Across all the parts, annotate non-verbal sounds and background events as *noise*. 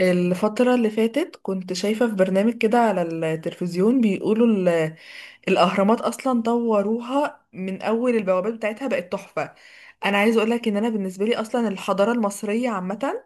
الفترة اللي فاتت كنت شايفة في برنامج كده على التلفزيون بيقولوا الأهرامات أصلا طوروها من أول البوابات بتاعتها بقت تحفة. أنا عايزة أقولك إن أنا بالنسبة لي أصلا الحضارة المصرية عامة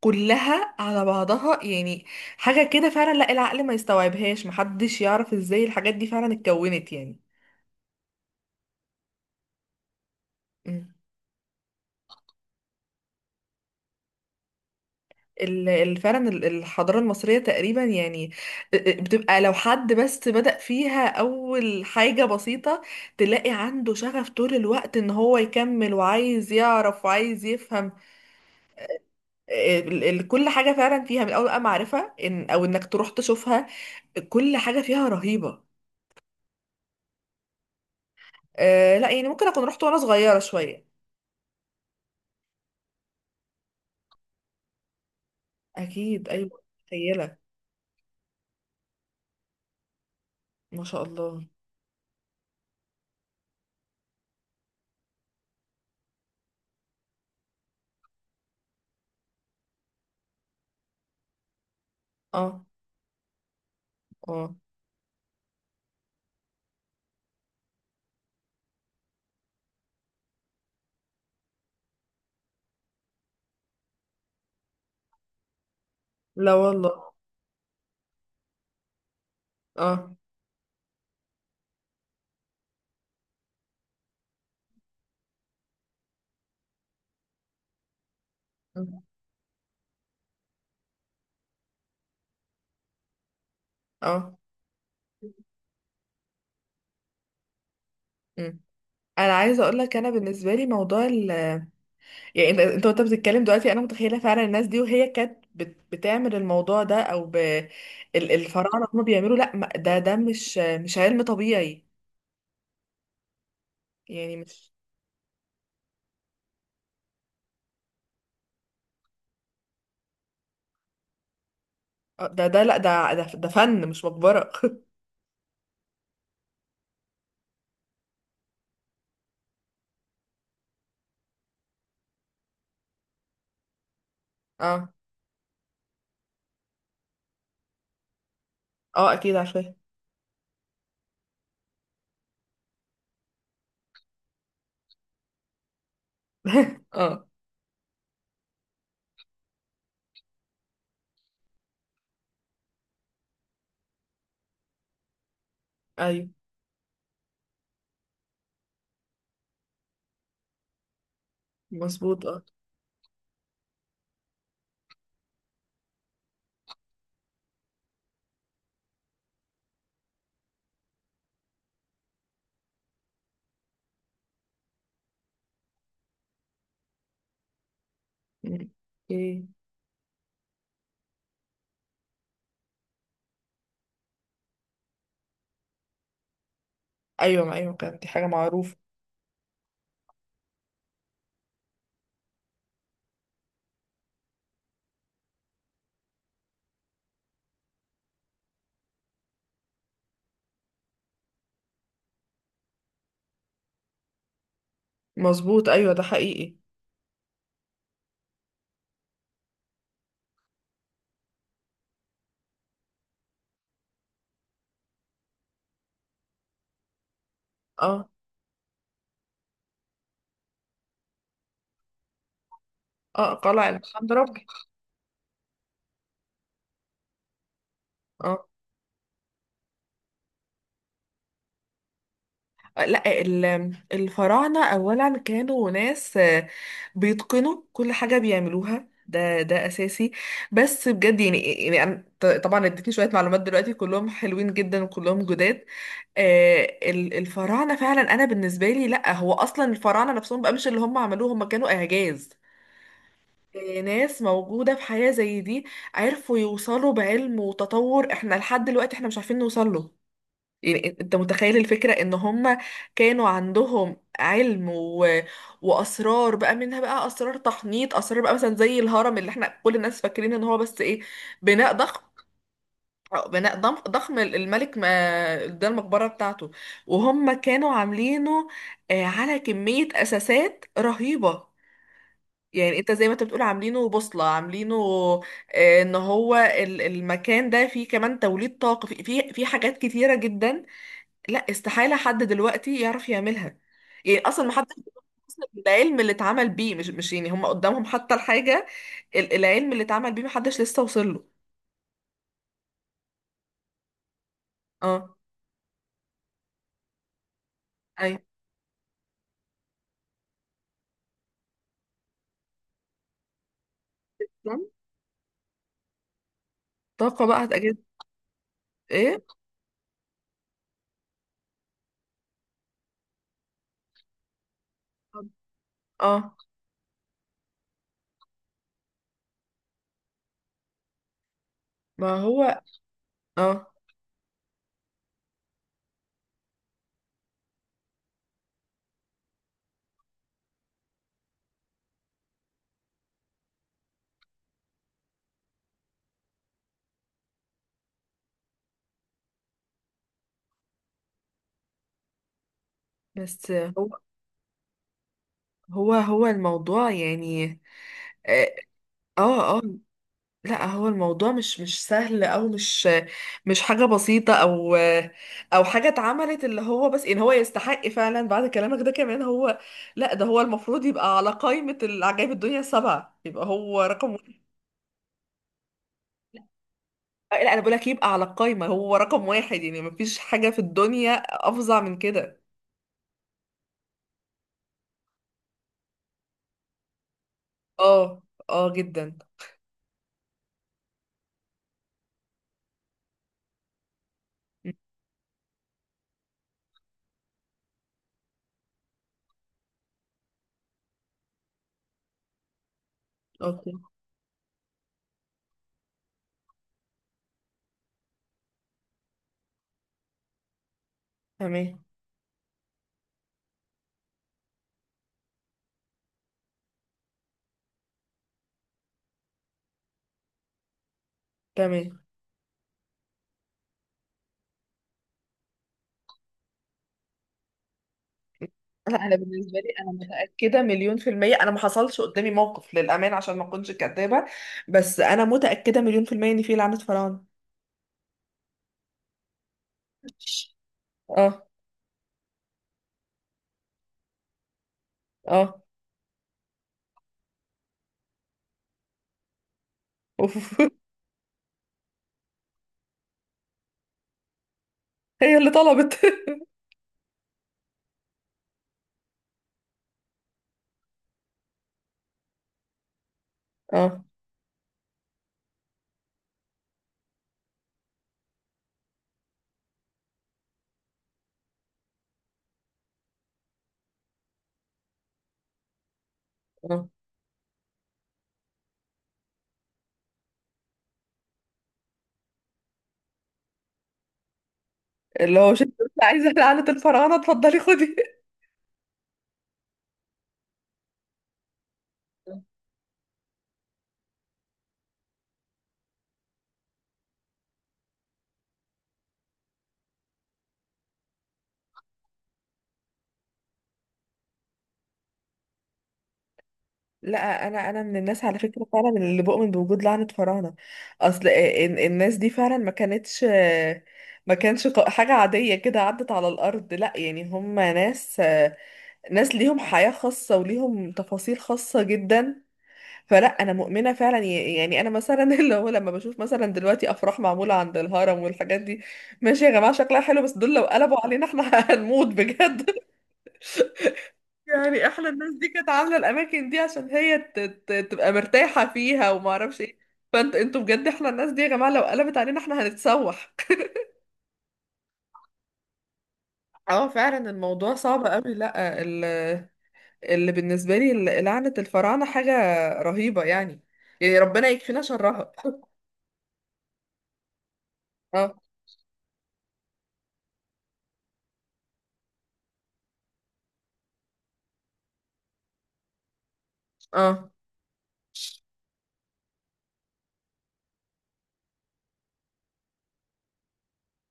كلها على بعضها، يعني حاجة كده فعلا لا العقل ما يستوعبهاش، محدش يعرف إزاي الحاجات دي فعلا اتكونت. يعني فعلا الحضارة المصرية تقريبا، يعني بتبقى لو حد بس بدأ فيها أول حاجة بسيطة تلاقي عنده شغف طول الوقت إن هو يكمل وعايز يعرف وعايز يفهم. كل حاجة فعلا فيها من أول بقى معرفة إن أو إنك تروح تشوفها، كل حاجة فيها رهيبة. آه لا، يعني ممكن أكون رحت وأنا صغيرة شوية. أكيد أيوة متخيلة. ما شاء الله. اه. اه. لا والله. اه. اه. آه. انا عايزه اقول لك انا بالنسبه لي موضوع يعني انت وانت بتتكلم دلوقتي انا متخيله فعلا الناس دي وهي كانت بتعمل الموضوع ده الفراعنه هم بيعملوا، لا ده مش علم طبيعي، يعني مش. ده لا ده فن مش مقبره. *laughs* اه. اه اكيد عارفاه. *laughs* اه. ايوه مظبوط اه. مم. اوكي. ايوه ما ايوه، كانت دي حاجه معروفه. مظبوط ايوه ده حقيقي. اه. اه قلع الحمد ربي. اه. لا، الفراعنة أولا كانوا ناس بيتقنوا كل حاجة بيعملوها، ده أساسي. بس بجد، يعني يعني أنا طبعا اديتني شوية معلومات دلوقتي كلهم حلوين جدا وكلهم جداد. آه، الفراعنة فعلا أنا بالنسبة لي لا هو أصلا الفراعنة نفسهم بقى مش اللي هم عملوه، هم كانوا إعجاز. ناس موجودة في حياة زي دي عرفوا يوصلوا بعلم وتطور احنا لحد دلوقتي احنا مش عارفين نوصل له. يعني انت متخيل الفكرة ان هم كانوا عندهم علم. واسرار بقى، منها بقى اسرار تحنيط، اسرار بقى مثلا زي الهرم اللي احنا كل الناس فاكرين ان هو بس ايه، بناء ضخم. ضخم الملك، ما ده المقبرة بتاعته وهم كانوا عاملينه على كمية اساسات رهيبة، يعني انت زي ما انت بتقول عاملينه بوصلة، عاملينه ان هو المكان ده فيه كمان توليد طاقة، فيه حاجات كتيرة جدا. لا استحالة حد دلوقتي يعرف يعملها. يعني اصلا ما حدش بيوصل للعلم اللي اتعمل بيه، مش يعني هم قدامهم حتى الحاجة، العلم اللي اتعمل بيه ما حدش لسه وصل له. اه. اي. طاقة بقى هتجد. ايه. اه. ما هو. اه بس هو. هو الموضوع، يعني. اه. اه آه. لا هو الموضوع مش سهل او مش، مش حاجه بسيطه، او او حاجه اتعملت، اللي هو بس ان هو يستحق فعلا بعد كلامك ده كمان. هو لا، ده هو المفروض يبقى على قائمه العجائب الدنيا السبعه، يبقى هو رقم واحد. لا انا بقول لك يبقى على القائمه هو رقم واحد، يعني مفيش حاجه في الدنيا افظع من كده. اه. اه جدا. م. اوكي. تمام. تمام. لا انا بالنسبه لي انا متاكده مليون في الميه، انا ما حصلش قدامي موقف للامانه عشان ما اكونش كدابه، بس انا متاكده مليون في الميه ان في لعنه فراعنه. اه. اه. أوف. *laughs* هي اللي طلبت. *laughs* اه. اه. اللي هو مش انت قلت عايزه لعنه الفراعنه اتفضلي خدي؟ *laughs* لا انا من الناس على فكره فعلا اللي بؤمن بوجود لعنه فراعنه. اصل الناس دي فعلا ما كانتش، ما كانش حاجه عاديه كده عدت على الارض، لا يعني هم ناس، ناس ليهم حياة خاصة وليهم تفاصيل خاصة جدا. فلا أنا مؤمنة فعلا يعني أنا مثلا *laughs* اللي هو لما بشوف مثلا دلوقتي أفراح معمولة عند الهرم والحاجات دي، ماشي يا جماعة شكلها حلو، بس دول لو قلبوا علينا احنا *laughs* هنموت بجد. *laughs* يعني احنا الناس دي كانت عاملة الأماكن دي عشان هي تبقى مرتاحة فيها وما أعرفش ايه. فانت انتوا بجد، احنا الناس دي يا جماعة لو قلبت علينا احنا هنتسوح. اه فعلا الموضوع صعب قوي، لا اللي بالنسبة لي لعنة الفراعنة حاجة رهيبة، يعني يعني ربنا يكفينا شرها. *laughs* اه. اه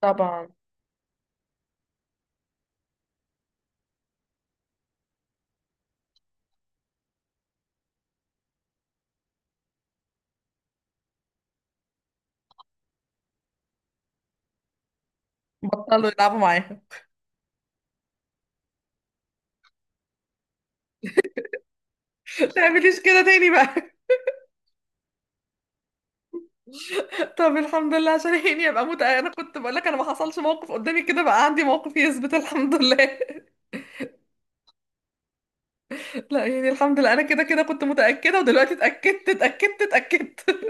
طبعا. بطلوا يلعبوا معاها. *laughs* ما تعمليش كده تاني بقى. *laughs* طب الحمد لله عشان هيني ابقى موت، انا كنت بقول لك انا ما حصلش موقف قدامي، كده بقى عندي موقف يثبت الحمد لله. *laughs* لا يعني الحمد لله انا كده كده كنت متأكدة ودلوقتي اتأكدت اتأكدت اتأكدت.